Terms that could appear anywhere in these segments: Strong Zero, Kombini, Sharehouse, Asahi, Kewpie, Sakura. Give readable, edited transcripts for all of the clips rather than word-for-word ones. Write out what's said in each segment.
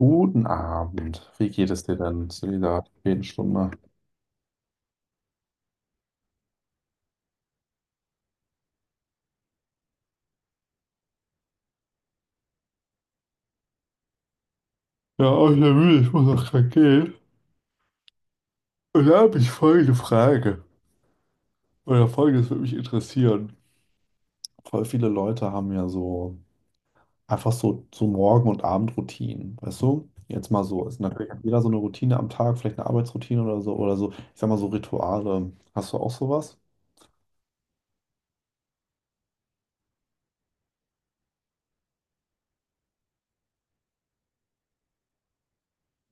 Guten Abend. Wie geht es dir denn zu dieser späten Stunde? Ja, auch sehr müde, ich muss auch gleich gehen. Und da habe ich folgende Frage. Oder folgendes würde mich interessieren. Voll viele Leute haben ja so einfach so Morgen- und Abendroutinen, weißt du? Jetzt mal so, ist natürlich hat jeder so eine Routine am Tag, vielleicht eine Arbeitsroutine oder so, ich sag mal so Rituale. Hast du auch sowas?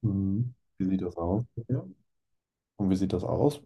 Mhm. Wie sieht das aus? Ja. Und wie sieht das aus?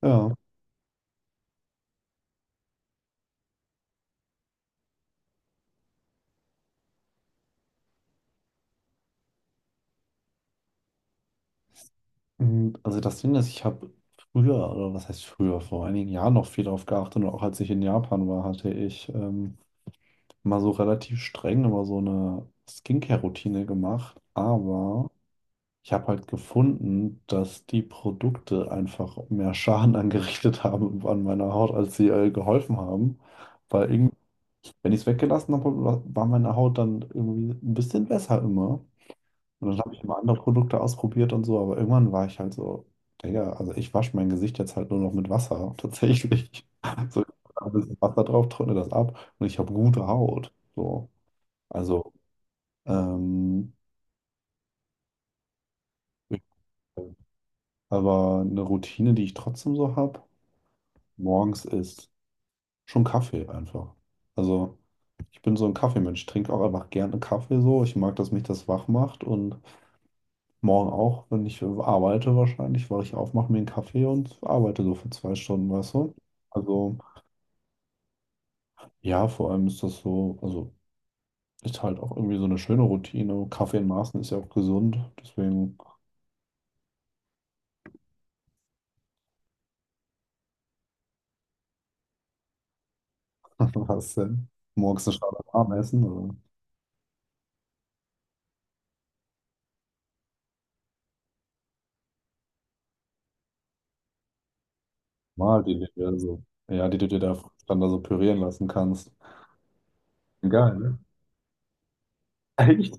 Ja. Also das Ding ist, ich habe früher, oder was heißt früher, vor einigen Jahren noch viel darauf geachtet und auch als ich in Japan war, hatte ich mal so relativ streng immer so eine Skincare-Routine gemacht. Aber ich habe halt gefunden, dass die Produkte einfach mehr Schaden angerichtet haben an meiner Haut, als sie geholfen haben. Weil irgendwie, wenn ich es weggelassen habe, war meine Haut dann irgendwie ein bisschen besser immer. Und dann habe ich immer andere Produkte ausprobiert und so, aber irgendwann war ich halt so, Digga, also ich wasche mein Gesicht jetzt halt nur noch mit Wasser, tatsächlich. So, ich mach ein bisschen Wasser drauf, trockne das ab und ich habe gute Haut. So, also, ähm, aber eine Routine, die ich trotzdem so habe, morgens ist schon Kaffee einfach. Also, ich bin so ein Kaffeemensch, trinke auch einfach gerne Kaffee so. Ich mag, dass mich das wach macht und Morgen auch, wenn ich arbeite wahrscheinlich, weil ich aufmache mir einen Kaffee und arbeite so für 2 Stunden, weißt du? Also ja, vor allem ist das so, also ist halt auch irgendwie so eine schöne Routine. Kaffee in Maßen ist ja auch gesund, deswegen was denn? Morgens eine Schale warm essen also mal die du dir so, ja, die du dir da dann da so pürieren lassen kannst. Geil, ne? Echt?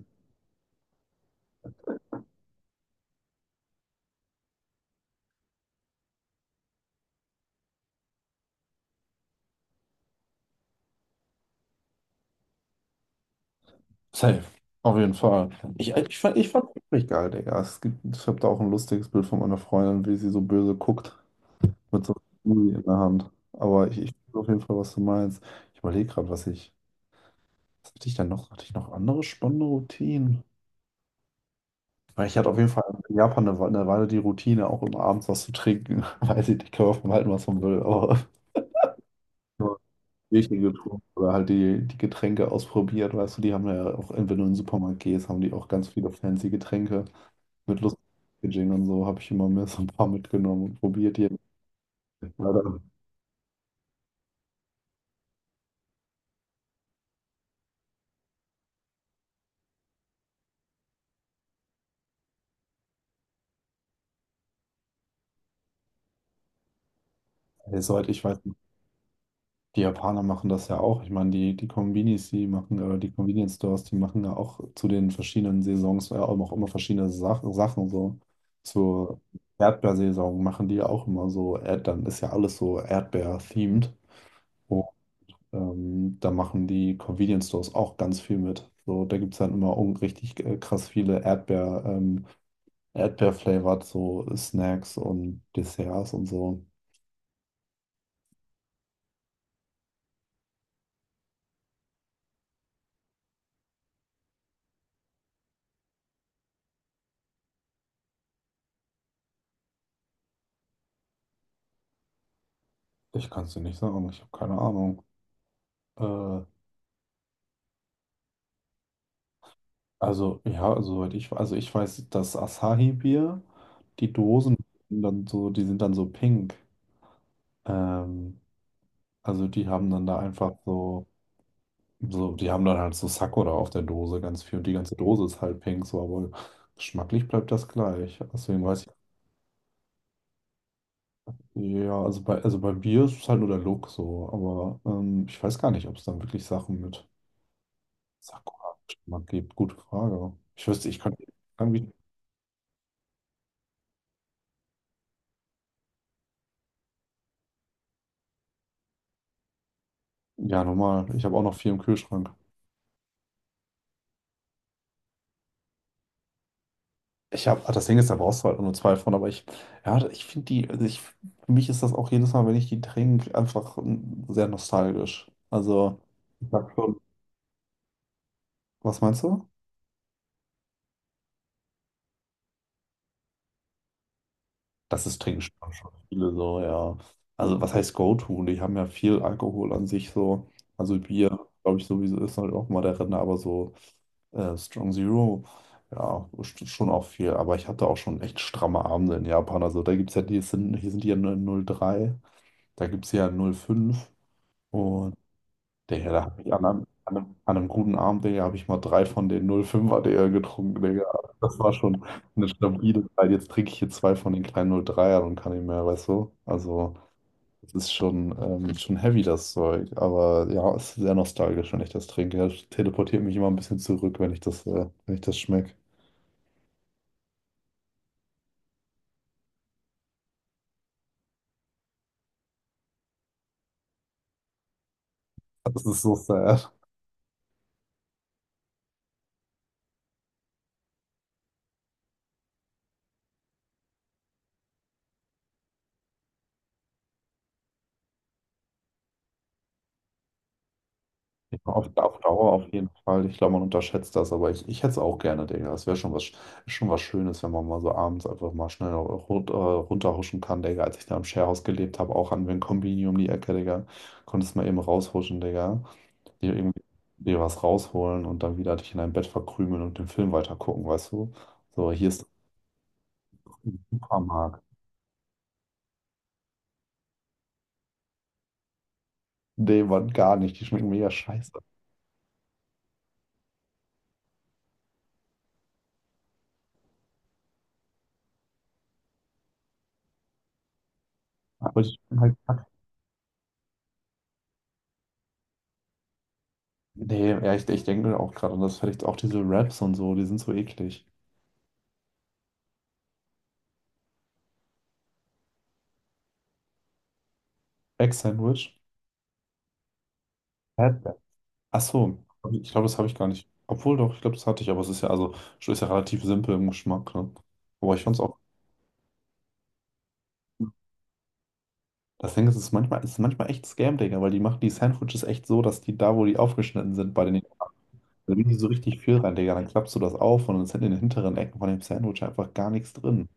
Safe. Auf jeden Fall. Ich fand es wirklich geil, Digga. Es gibt, ich habe da auch ein lustiges Bild von meiner Freundin, wie sie so böse guckt. Mit so einem Gummi in der Hand. Aber ich weiß auf jeden Fall, was du meinst. Ich überlege gerade, was ich. Was hatte ich denn noch? Hatte ich noch andere spannende Routinen? Weil ich hatte auf jeden Fall in Japan eine Weile die Routine, auch immer abends was zu trinken. Weiß ich nicht, kann man von halten, was man will, aber nur Bierchen getrunken oder halt die Getränke ausprobiert. Weißt du, die haben ja auch, wenn du in den Supermarkt gehst, haben die auch ganz viele fancy Getränke mit Lust. Packaging und so habe ich immer mehr so ein paar mitgenommen und probiert hier. Leider, ey, soweit ich weiß, die Japaner machen das ja auch. Ich meine, die Kombinis, die machen, oder die Convenience Stores, die machen ja auch zu den verschiedenen Saisons ja auch noch immer verschiedene Sachen so. Zur Erdbeersaison machen die ja auch immer so, Erd dann ist ja alles so Erdbeer-themed. Und da machen die Convenience Stores auch ganz viel mit. So, da gibt es dann immer richtig krass viele Erdbeer-flavored so Snacks und Desserts und so. Ich kann es dir nicht sagen, ich habe keine Ahnung. Äh, Also, ja, also, soweit ich, also ich weiß, das Asahi-Bier, die Dosen sind dann so pink. Ähm, also die haben dann da einfach so, die haben dann halt so Sakura auf der Dose ganz viel und die ganze Dose ist halt pink, so, aber geschmacklich bleibt das gleich. Deswegen weiß ich, ja, also bei Bier ist es halt nur der Look so, aber ich weiß gar nicht, ob es dann wirklich Sachen mit Sakura-Geschmack gibt. Gute Frage. Ich wüsste, ich könnte irgendwie, ja, normal, ich habe auch noch viel im Kühlschrank. Ich habe, das Ding ist, da brauchst du halt nur zwei von, aber ich, ja, ich finde die, also ich, für mich ist das auch jedes Mal, wenn ich die trinke, einfach sehr nostalgisch. Also, ich sag schon, was meinst du? Das ist trinken schon viele so, ja. Also, was heißt Go-To? Die haben ja viel Alkohol an sich so. Also, Bier, glaube ich, sowieso ist halt auch mal der Renner, aber so Strong Zero, ja, schon auch viel. Aber ich hatte auch schon echt stramme Abende in Japan. Also, da gibt es ja, hier sind die ja 0,3, da gibt es ja 0,5. Und Digga, da habe ich an einem guten Abend, Digga, habe ich mal drei von den 0,5er, Digga, getrunken, Digga. Das war schon eine stabile Zeit. Jetzt trinke ich hier zwei von den kleinen 0,3ern und kann nicht mehr, weißt du? Also, es ist schon heavy, das Zeug. Aber ja, es ist sehr nostalgisch, wenn ich das trinke. Das teleportiert mich immer ein bisschen zurück, wenn ich das schmecke. Das ist so sad. Ja, auf Dauer auf jeden Fall. Ich glaube, man unterschätzt das, aber ich hätte es auch gerne, Digga. Es wäre schon was Schönes, wenn man mal so abends einfach mal schnell runterhuschen kann, Digga. Als ich da im Sharehouse gelebt habe, auch an den Kombini um die Ecke, Digga, konntest mal eben raushuschen, Digga. Dir irgendwie dir was rausholen und dann wieder dich in dein Bett verkrümeln und den Film weitergucken, weißt du? So, hier ist der Supermarkt. Nee, Mann, gar nicht. Die schmecken mega scheiße. Aber die schmecken halt kacke. Nee, ja, ich denke auch gerade, und das vielleicht auch diese Raps und so, die sind so eklig. Egg-Sandwich? Erdbeer. Ach so, ich glaube, das habe ich gar nicht. Obwohl doch, ich glaube, das hatte ich, aber es ist ja also schon ist ja relativ simpel im Geschmack, ne? Aber ich fand's auch. Das Ding ist, es ist manchmal echt Scam, Digga, weil die machen die Sandwiches echt so, dass die da, wo die aufgeschnitten sind, bei den. Da legen die so richtig viel rein, Digga. Dann klappst du das auf und dann sind in den hinteren Ecken von dem Sandwich einfach gar nichts drin.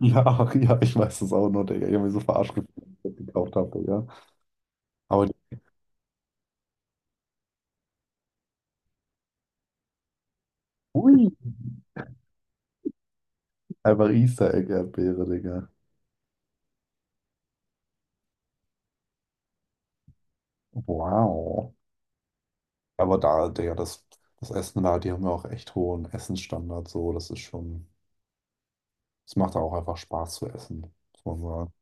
Ja, ja, ich weiß das auch nur, Digga. Ich habe mich so verarscht gefühlt, als ich das gekauft habe, Digga. Aber die, ui, einfach Easter Egg-Erdbeere, Digga. Wow. Aber da, das Essen da, die haben ja auch echt hohen Essensstandard, so, das ist schon, es macht auch einfach Spaß zu essen, muss man sagen.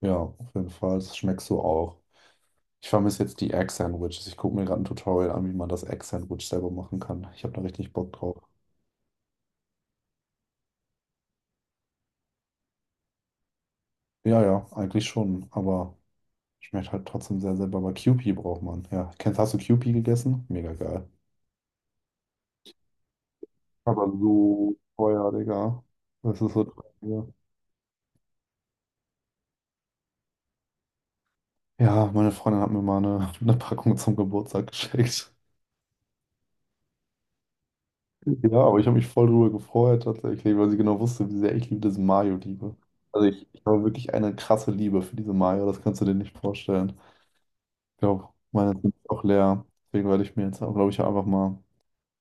Ja, auf jeden Fall, das schmeckst du auch. Ich vermisse jetzt die Egg-Sandwiches. Ich gucke mir gerade ein Tutorial an, wie man das Egg-Sandwich selber machen kann. Ich habe da richtig Bock drauf. Ja, ja, eigentlich schon, aber schmeckt halt trotzdem sehr selber. Aber Kewpie braucht man. Ja, hast du Kewpie gegessen? Mega geil. Aber so teuer, Digga. Das ist so teuer. Ja, meine Freundin hat mir mal eine, eine Packung zum Geburtstag geschenkt. Ja, aber ich habe mich voll drüber gefreut tatsächlich, weil sie genau wusste, wie sehr ich liebe diese Mayo liebe. Also ich habe wirklich eine krasse Liebe für diese Mayo, das kannst du dir nicht vorstellen. Ich glaube, meine sind auch leer. Deswegen werde ich mir jetzt, glaube ich, einfach mal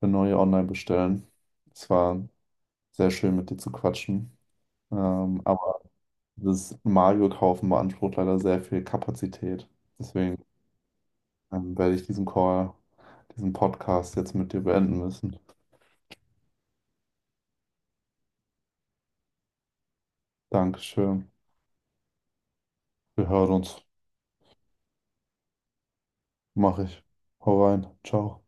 eine neue online bestellen. Es war sehr schön, mit dir zu quatschen. Aber das Mayo-Kaufen beansprucht leider sehr viel Kapazität. Deswegen dann werde ich diesen Call, diesen Podcast jetzt mit dir beenden müssen. Dankeschön. Wir hören uns. Mach ich. Hau rein. Ciao.